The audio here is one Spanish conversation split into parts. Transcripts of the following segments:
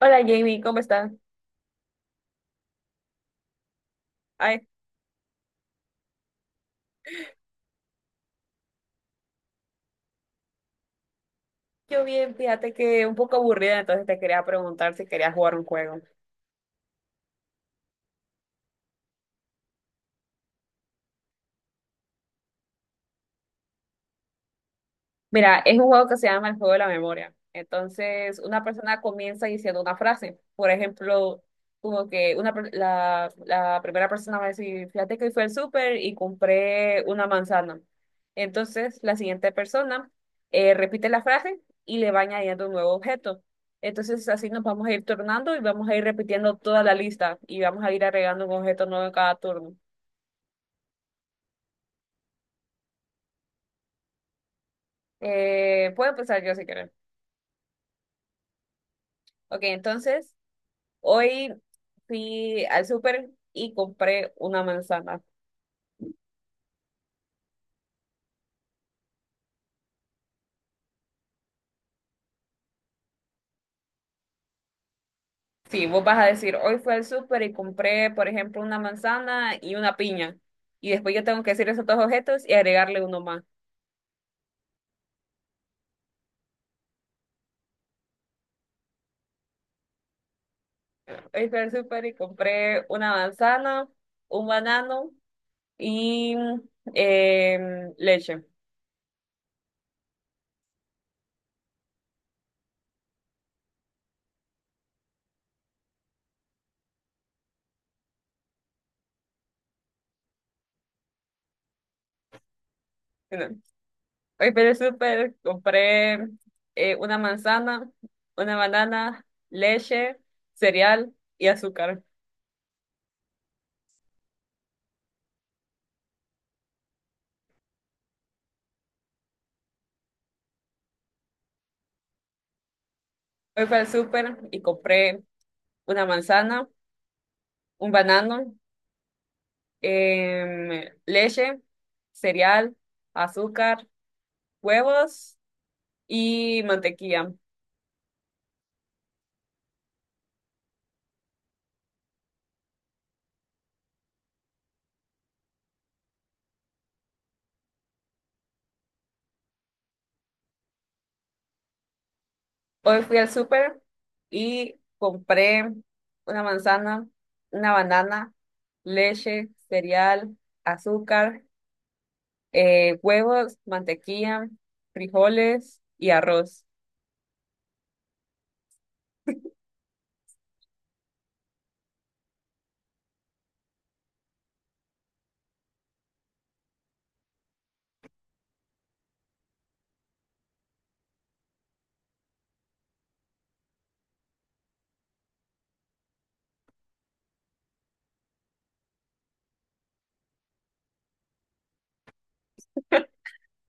Hola Jamie, ¿cómo estás? Ay, yo bien, fíjate que un poco aburrida, entonces te quería preguntar si querías jugar un juego. Mira, es un juego que se llama el juego de la memoria. Entonces, una persona comienza diciendo una frase. Por ejemplo, como que una, la primera persona va a decir, fíjate que hoy fui al súper y compré una manzana. Entonces, la siguiente persona repite la frase y le va añadiendo un nuevo objeto. Entonces, así nos vamos a ir tornando y vamos a ir repitiendo toda la lista y vamos a ir agregando un objeto nuevo en cada turno. Puedo empezar yo si quieres. Ok, entonces hoy fui al súper y compré una manzana. Sí, vos vas a decir, hoy fui al súper y compré, por ejemplo, una manzana y una piña. Y después yo tengo que decir esos dos objetos y agregarle uno más. Hoy fui al súper y compré una manzana, un banano y leche. No. Hoy fui al súper, compré una manzana, una banana, leche, cereal y azúcar. Hoy fui al súper y compré una manzana, un banano, leche, cereal, azúcar, huevos y mantequilla. Hoy fui al súper y compré una manzana, una banana, leche, cereal, azúcar, huevos, mantequilla, frijoles y arroz.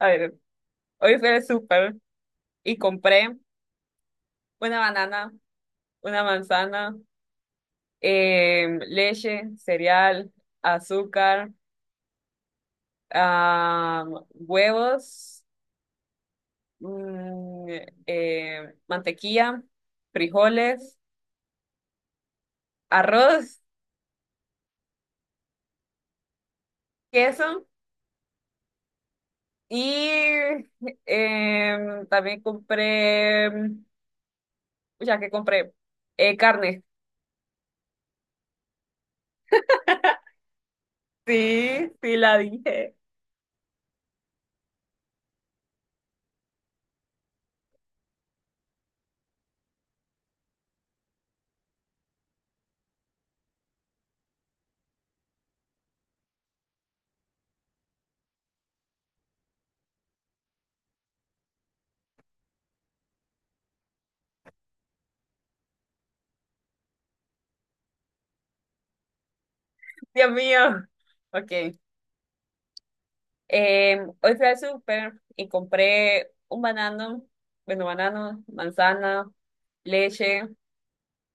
A ver, hoy fui al súper y compré una banana, una manzana, leche, cereal, azúcar, huevos, mm, mantequilla, frijoles, arroz, queso y también compré, ya que compré, carne. Sí, sí la dije. Dios mío. Ok. Hoy fui al súper y compré un banano, bueno, banano, manzana, leche,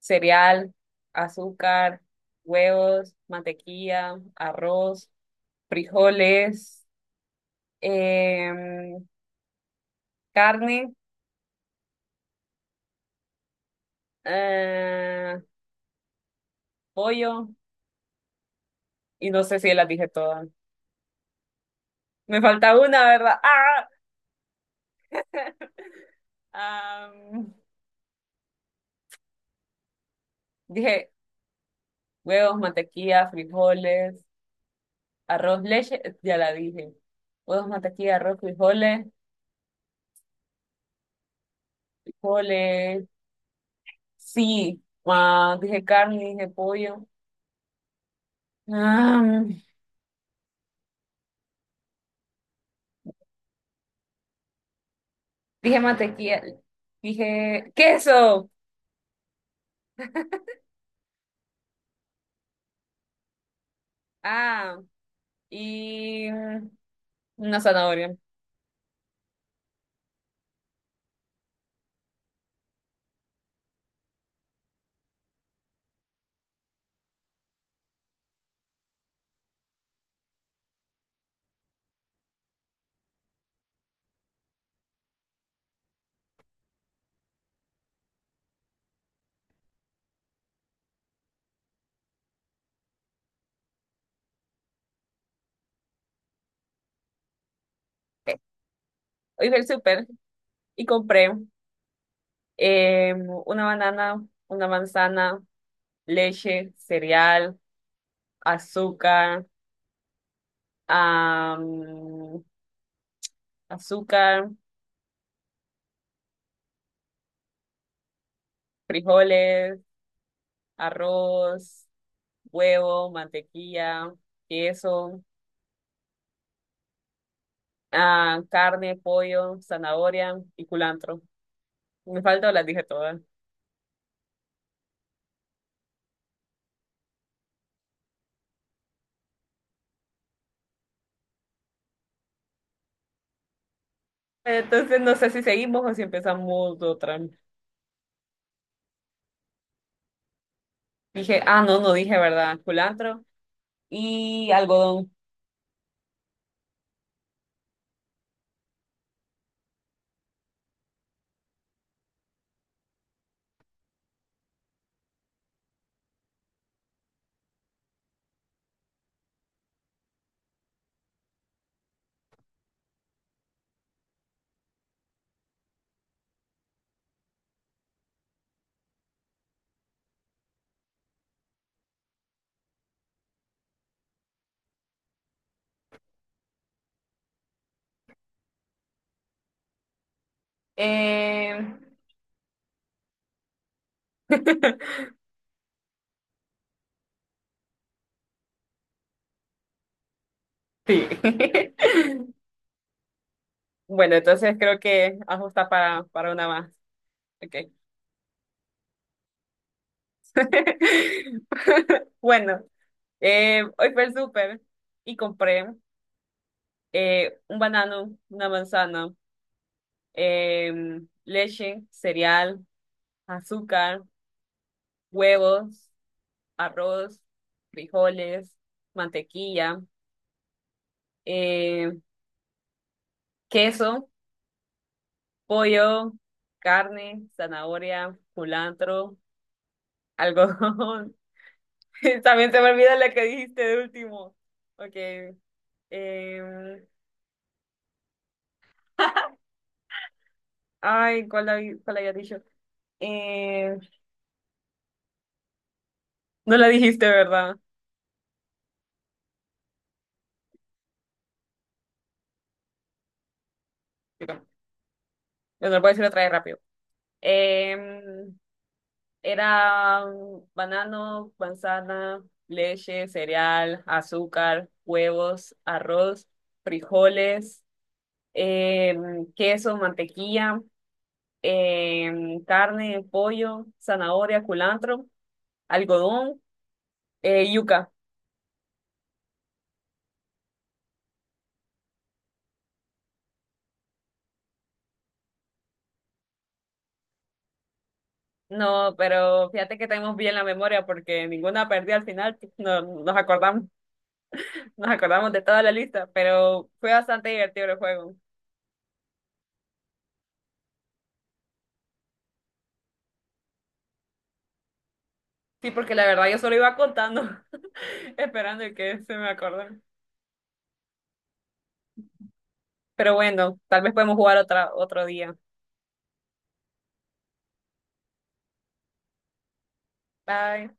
cereal, azúcar, huevos, mantequilla, arroz, frijoles, em, carne, eh, pollo, y no sé si las dije todas. Me falta una, ¿verdad? ¡Ah! Am, Dije huevos, mantequilla, frijoles. Arroz, leche, ya la dije. Huevos, mantequilla, arroz, frijoles. Sí. Ah, dije carne, dije pollo. Ah, dije mantequilla, dije queso. Ah, y una zanahoria. Ok. Hoy fui al súper y compré eh, una banana, una manzana, leche, cereal, azúcar, ah, azúcar, frijoles, arroz, huevo, mantequilla, queso, ah, carne, pollo, zanahoria y culantro. Me falta o las dije todas. Entonces no sé si seguimos o si empezamos otra. Dije, ah, no, no dije, ¿verdad? Culantro y algodón. Eh, sí. Bueno, entonces creo que ajusta para una más. Okay. Bueno, hoy fue el súper y compré. Un banano, una manzana, leche, cereal, azúcar, huevos, arroz, frijoles, mantequilla, eh, queso, pollo, carne, zanahoria, culantro, algodón. También se me olvida la que dijiste de último. Ok. em, ay, ¿cuál, cuál había dicho? Eh, no la dijiste, ¿verdad? Bueno, lo voy a decir otra vez rápido. Em, Era banano, manzana, leche, cereal, azúcar, huevos, arroz, frijoles, queso, mantequilla, carne, pollo, zanahoria, culantro, algodón, yuca. No, pero fíjate que tenemos bien la memoria porque ninguna perdí al final. No, nos acordamos de toda la lista, pero fue bastante divertido el juego. Sí, porque la verdad yo solo iba contando. Esperando que se me acorde. Pero bueno, tal vez podemos jugar otra, otro día. Bye.